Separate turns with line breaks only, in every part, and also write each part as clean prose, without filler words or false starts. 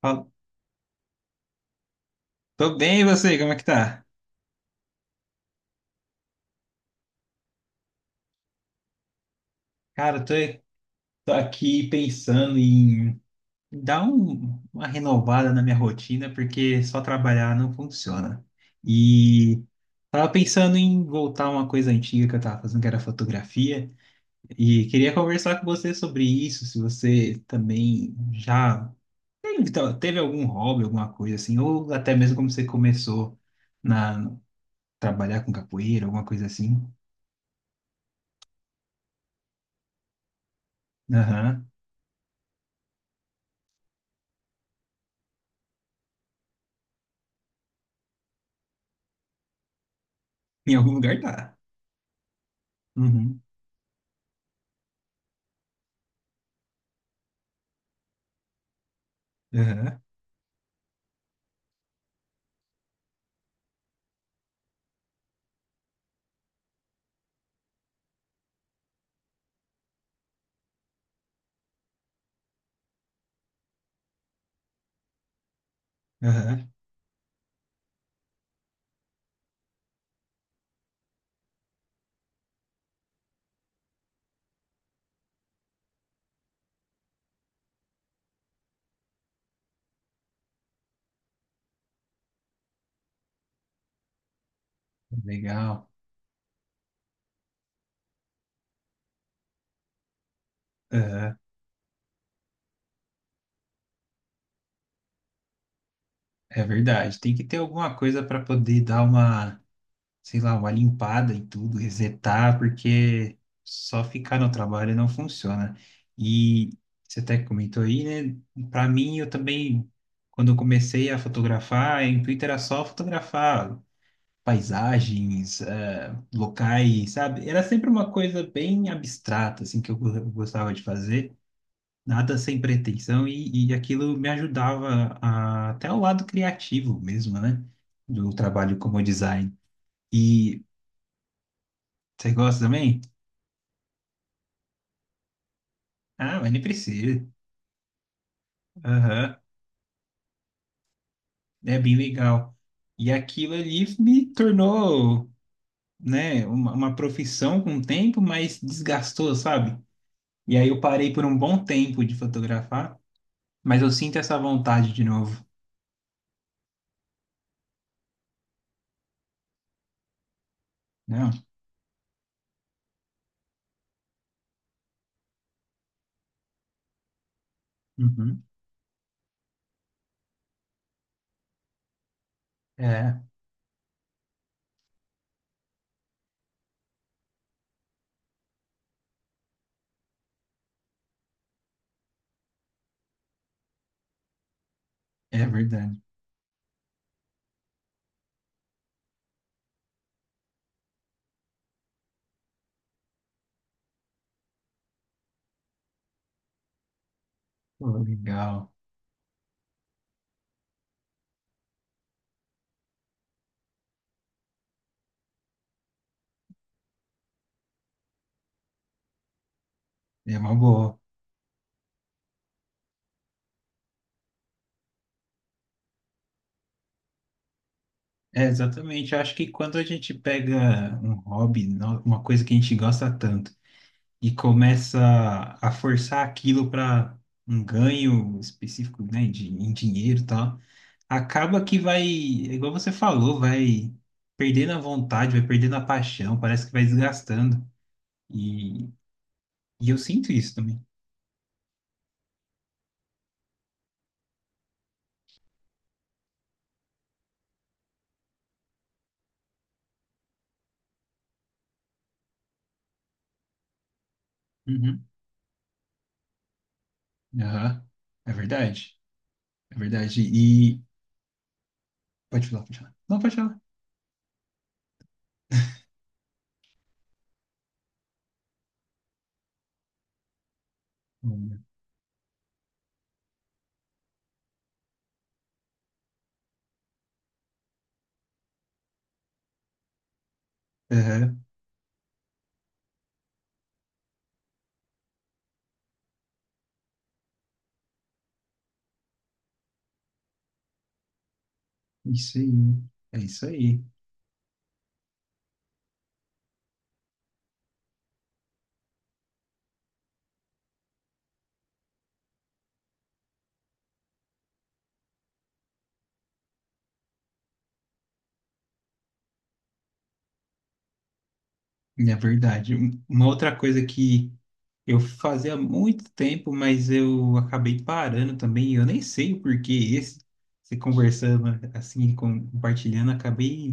Fala- Tô bem, e você? Como é que tá? Cara, eu tô, tô aqui pensando em uma renovada na minha rotina, porque só trabalhar não funciona. E tava pensando em voltar a uma coisa antiga que eu tava fazendo, que era fotografia, e queria conversar com você sobre isso, se você também já teve, então, teve algum hobby, alguma coisa assim, ou até mesmo como você começou na trabalhar com capoeira, alguma coisa assim. Aham. Em algum lugar tá. Uhum. Aham, aham, legal. Aham, é verdade. Tem que ter alguma coisa para poder dar uma, sei lá, uma limpada em tudo, resetar, porque só ficar no trabalho não funciona. E você até comentou aí, né? Para mim, eu também, quando eu comecei a fotografar, o intuito era só fotografar paisagens, locais, sabe? Era sempre uma coisa bem abstrata, assim, que gostava de fazer. Nada sem pretensão e aquilo me ajudava a, até o lado criativo mesmo, né? Do trabalho como design. E você gosta também? Ah, mas nem precisa. Aham, é bem legal. E aquilo ali me tornou, né, uma profissão com o tempo, mas desgastou, sabe? E aí eu parei por um bom tempo de fotografar, mas eu sinto essa vontade de novo. Não? Uhum. É, é verdade. Pô, legal. É uma boa. É, exatamente. Eu acho que quando a gente pega um hobby, uma coisa que a gente gosta tanto, e começa a forçar aquilo para um ganho específico, né, de, em dinheiro e tal, acaba que vai, é igual você falou, vai perdendo a vontade, vai perdendo a paixão, parece que vai desgastando. E, e eu sinto isso também. Uhum. Aham. É verdade. É verdade. E. Pode falar, pode falar. Não, pode falar. Uhum. Isso aí. É isso aí. É verdade. Uma outra coisa que eu fazia há muito tempo, mas eu acabei parando também, eu nem sei o porquê esse, se conversando assim, compartilhando, acabei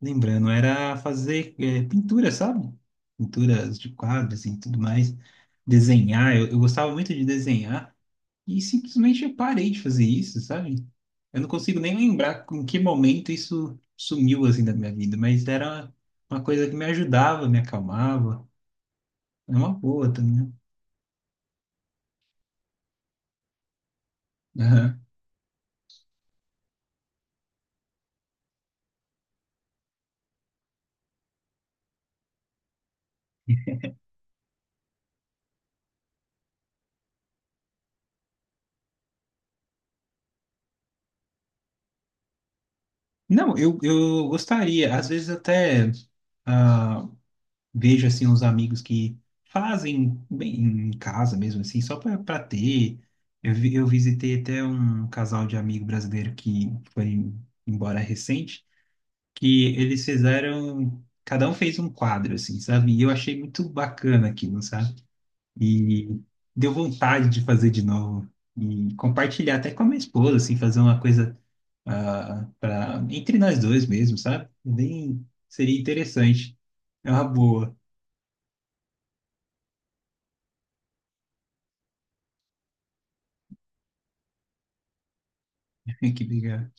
lembrando, era fazer pintura, sabe? Pinturas de quadros e tudo mais, desenhar, eu gostava muito de desenhar, e simplesmente eu parei de fazer isso, sabe? Eu não consigo nem lembrar em que momento isso sumiu assim da minha vida, mas era uma coisa que me ajudava, me acalmava. É uma boa também. Né? Aham. Não, eu gostaria. Às vezes até ah, vejo assim uns amigos que fazem bem em casa mesmo assim, só para ter. Eu visitei até um casal de amigo brasileiro que foi embora recente. Que eles fizeram, cada um fez um quadro, assim, sabe? E eu achei muito bacana aquilo, sabe? E deu vontade de fazer de novo e compartilhar até com a minha esposa, assim, fazer uma coisa ah, para entre nós dois mesmo, sabe? É bem, seria interessante. É uma boa. Que legal.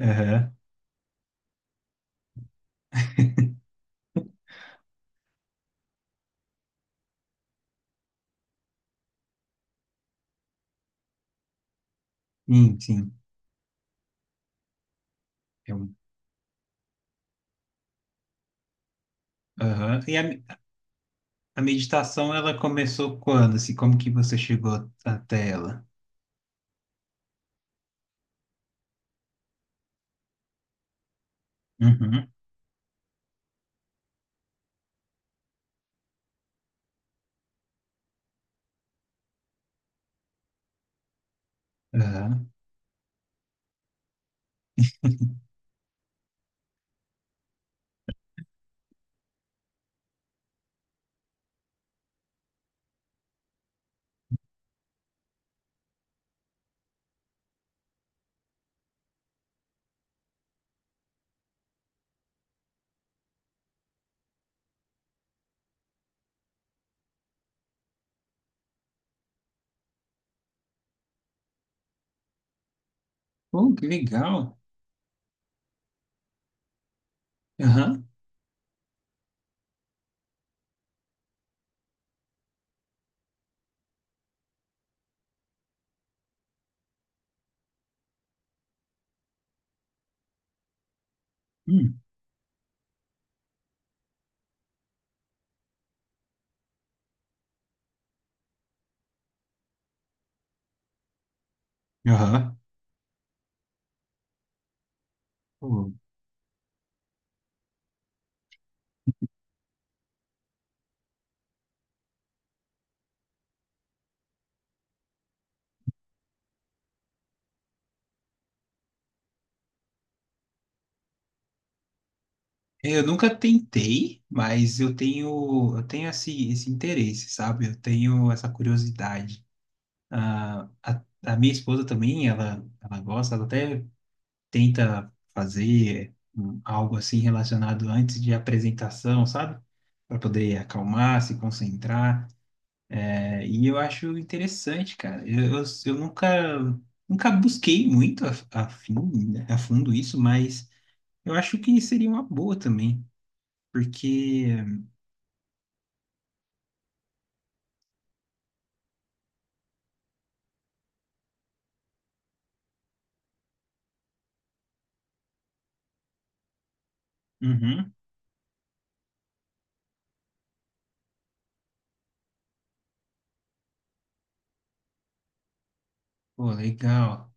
Aham. Sim, sim. Eu- aham. E a meditação, ela começou quando, assim, como que você chegou até ela? Uhum. Aham. Oh, que legal. Aham. Hum. Aham. Pô, eu nunca tentei, mas eu tenho esse, esse interesse, sabe? Eu tenho essa curiosidade. Ah, a minha esposa também, ela gosta, ela até tenta fazer algo assim relacionado antes de apresentação, sabe? Para poder acalmar, se concentrar. É, e eu acho interessante, cara. Eu nunca, nunca busquei muito fim, né, a fundo isso, mas eu acho que seria uma boa também, porque. Uhum. Pô, legal.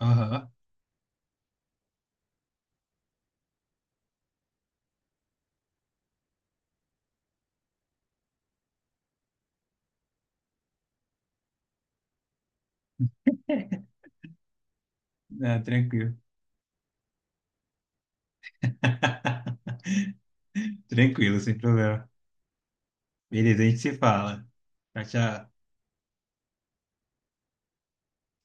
Aham. Ah, tranquilo. Tranquilo, sem problema. Beleza, a gente se fala. Tchau, tchau.